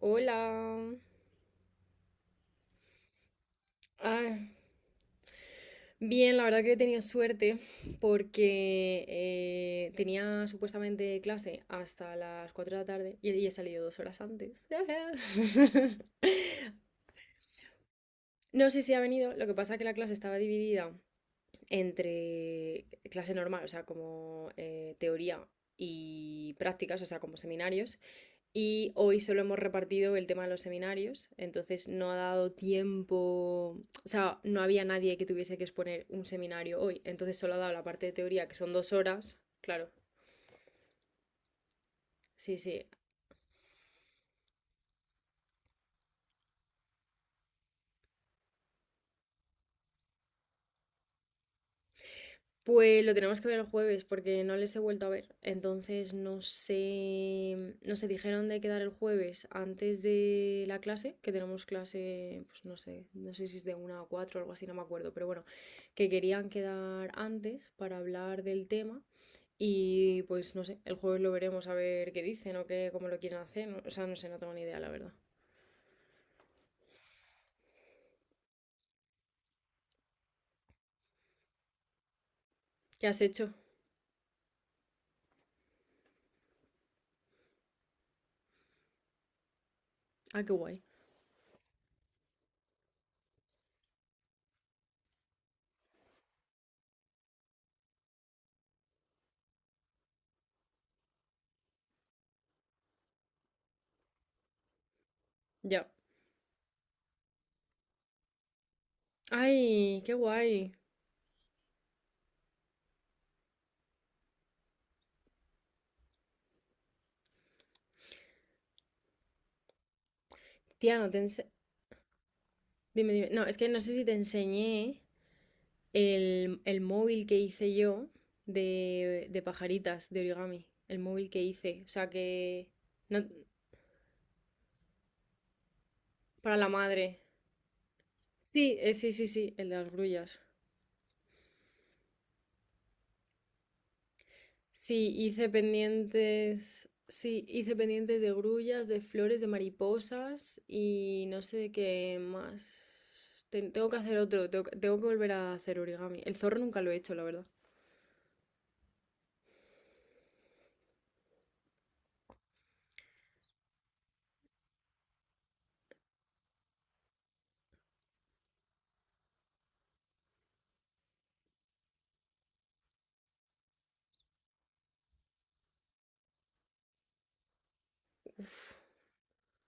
Hola. Ah, bien, la verdad que he tenido suerte porque tenía supuestamente clase hasta las 4 de la tarde y, he salido 2 horas antes. No sé si ha venido, lo que pasa es que la clase estaba dividida entre clase normal, o sea, como teoría y prácticas, o sea, como seminarios. Y hoy solo hemos repartido el tema de los seminarios, entonces no ha dado tiempo, o sea, no había nadie que tuviese que exponer un seminario hoy, entonces solo ha dado la parte de teoría, que son 2 horas, claro, sí, sí. Pues lo tenemos que ver el jueves porque no les he vuelto a ver, entonces no sé, no sé, dijeron de quedar el jueves antes de la clase, que tenemos clase, pues no sé, no sé si es de una a cuatro o algo así, no me acuerdo, pero bueno, que querían quedar antes para hablar del tema. Y pues no sé, el jueves lo veremos a ver qué dicen o qué, cómo lo quieren hacer. O sea, no sé, no tengo ni idea, la verdad. ¿Qué has hecho? Ah, qué guay. Ya. Ay, qué guay. Tía, no te ense- Dime, dime. No, es que no sé si te enseñé el móvil que hice yo de pajaritas, de origami. El móvil que hice. O sea, que... no- para la madre. Sí, sí, sí, sí, el de las grullas. Sí, hice pendientes de grullas, de flores, de mariposas y no sé de qué más. Tengo que hacer otro, tengo que volver a hacer origami. El zorro nunca lo he hecho, la verdad.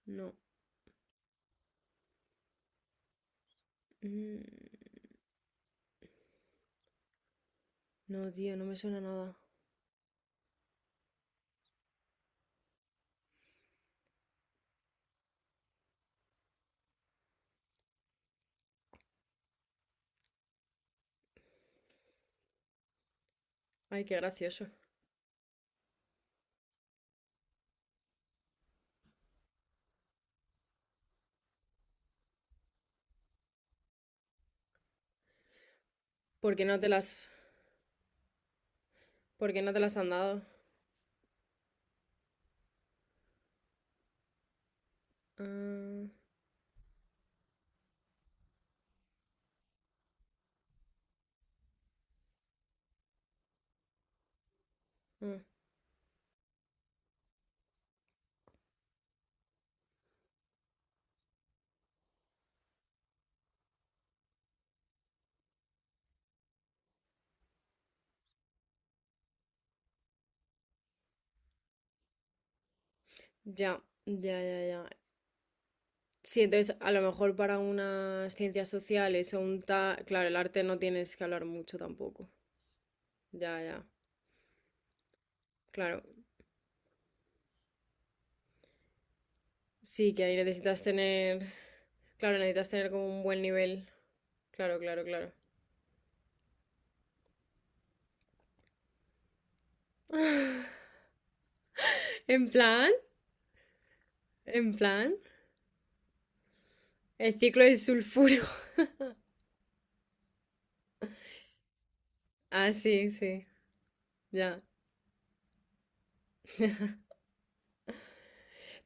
No. Mm, no, tío, no me suena nada. Ay, qué gracioso. Por qué no te las han dado? Ah, ah, ya, ya, ya, ya. Sí, entonces a lo mejor para unas ciencias sociales o un Claro, el arte no tienes que hablar mucho tampoco. Ya, ya. Claro. Sí, que ahí necesitas tener. Claro, necesitas tener como un buen nivel. Claro, claro, claro. En plan, en plan. El ciclo del sulfuro. Ah, sí, sí. Ya.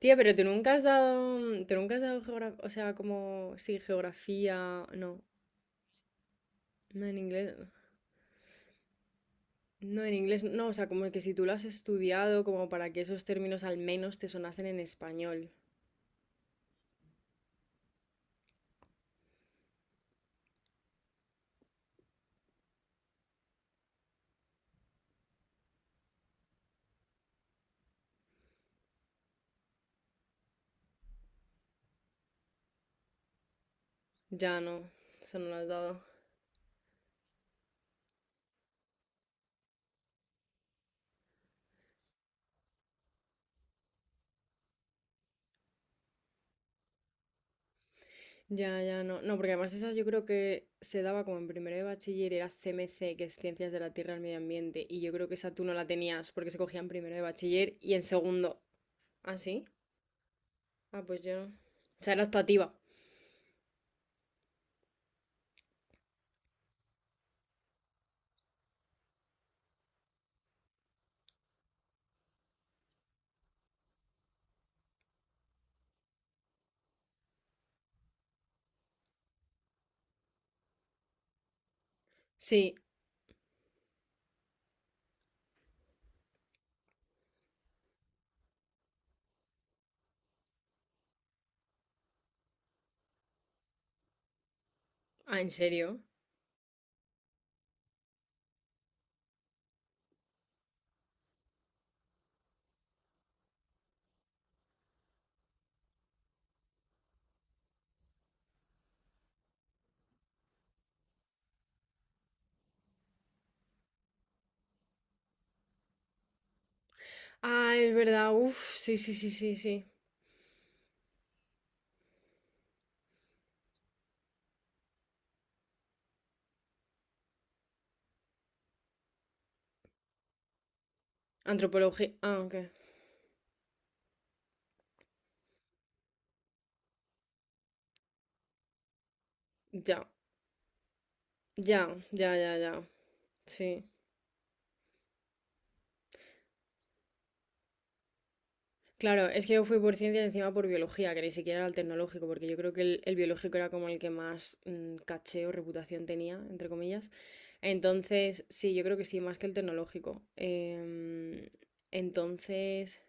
Tía, pero tú nunca has dado. Tú nunca has dado geografía. O sea, como. Sí, geografía. No. No en inglés. No, en inglés. No, o sea, como que si tú lo has estudiado, como para que esos términos al menos te sonasen en español. Ya no. Eso no lo has dado. Ya, ya, no. No, porque además esas yo creo que se daba como en primero de bachiller, era CMC, que es Ciencias de la Tierra al Medio Ambiente, y yo creo que esa tú no la tenías porque se cogía en primero de bachiller y en segundo. ¿Ah, sí? Ah, pues yo. O sea, era actuativa. Sí. Ah, ¿en serio? Ah, es verdad. Uf, sí, sí, sí, sí, sí. Antropología. Ah, ok. Ya, ya, ya, ya, ya. Sí. Claro, es que yo fui por ciencia y encima por biología, que ni siquiera era el tecnológico, porque yo creo que el biológico era como el que más caché o reputación tenía, entre comillas. Entonces, sí, yo creo que sí, más que el tecnológico. Entonces,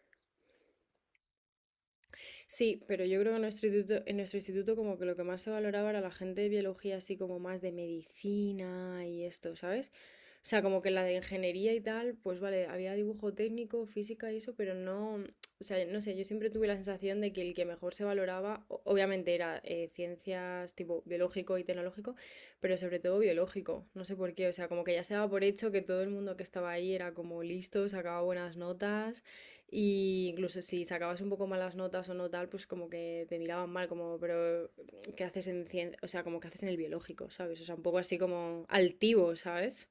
sí, pero yo creo que en nuestro instituto como que lo que más se valoraba era la gente de biología, así como más de medicina y esto, ¿sabes? O sea, como que la de ingeniería y tal, pues vale, había dibujo técnico, física y eso, pero no, o sea, no sé, yo siempre tuve la sensación de que el que mejor se valoraba, obviamente era ciencias tipo biológico y tecnológico, pero sobre todo biológico, no sé por qué, o sea, como que ya se daba por hecho que todo el mundo que estaba ahí era como listo, sacaba buenas notas. Y incluso si sacabas un poco malas notas o no tal, pues como que te miraban mal, como, pero ¿qué haces en o sea, como que haces en el biológico, ¿sabes? O sea, un poco así como altivo, ¿sabes?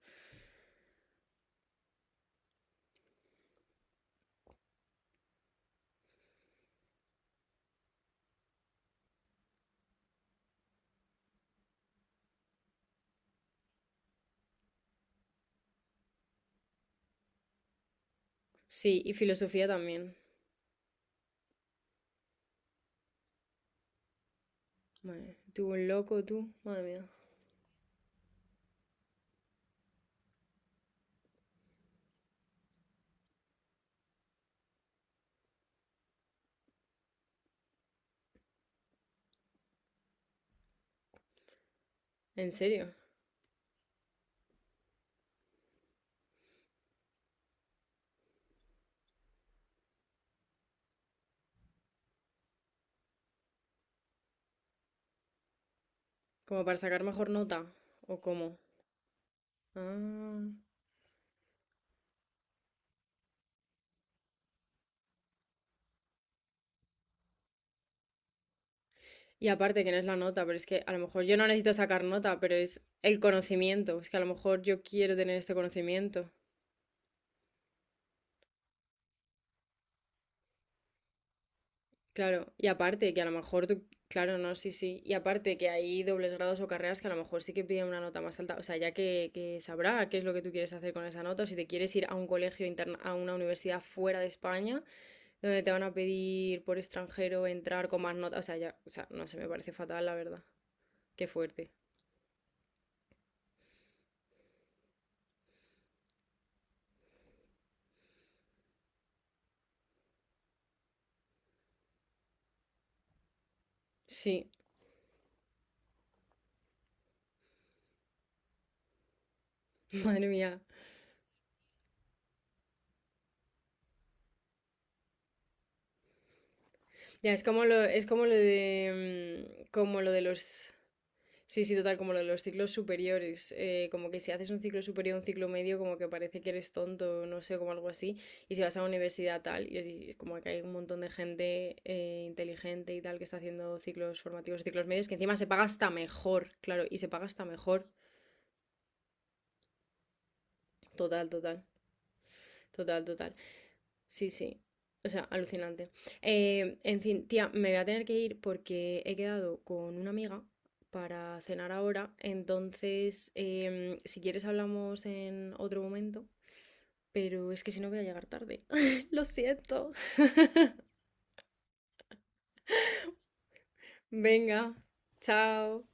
Sí, y filosofía también. Madre, tú un loco, tú, madre mía. ¿En serio? ¿Como para sacar mejor nota? ¿O cómo? Ah. Y aparte que no es la nota, pero es que a lo mejor yo no necesito sacar nota, pero es el conocimiento. Es que a lo mejor yo quiero tener este conocimiento. Claro, y aparte que a lo mejor tú, claro, no, sí, sí, y aparte que hay dobles grados o carreras que a lo mejor sí que piden una nota más alta, o sea, ya que sabrá qué es lo que tú quieres hacer con esa nota, o si te quieres ir a un colegio interna, a una universidad fuera de España, donde te van a pedir por extranjero entrar con más notas, o sea, ya, o sea, no sé, me parece fatal, la verdad, qué fuerte. Sí, madre mía. Ya, es como lo de, como lo de los sí, sí, total, como lo de los ciclos superiores, como que si haces un ciclo superior, un ciclo medio, como que parece que eres tonto, no sé, como algo así, y si vas a la universidad tal, y así, es como que hay un montón de gente inteligente y tal que está haciendo ciclos formativos, ciclos medios, que encima se paga hasta mejor, claro, y se paga hasta mejor, total, total, total, total. Sí, sí. O sea, alucinante. En fin, tía, me voy a tener que ir porque he quedado con una amiga para cenar ahora. Entonces, si quieres hablamos en otro momento, pero es que si no voy a llegar tarde. Lo siento. Venga, chao.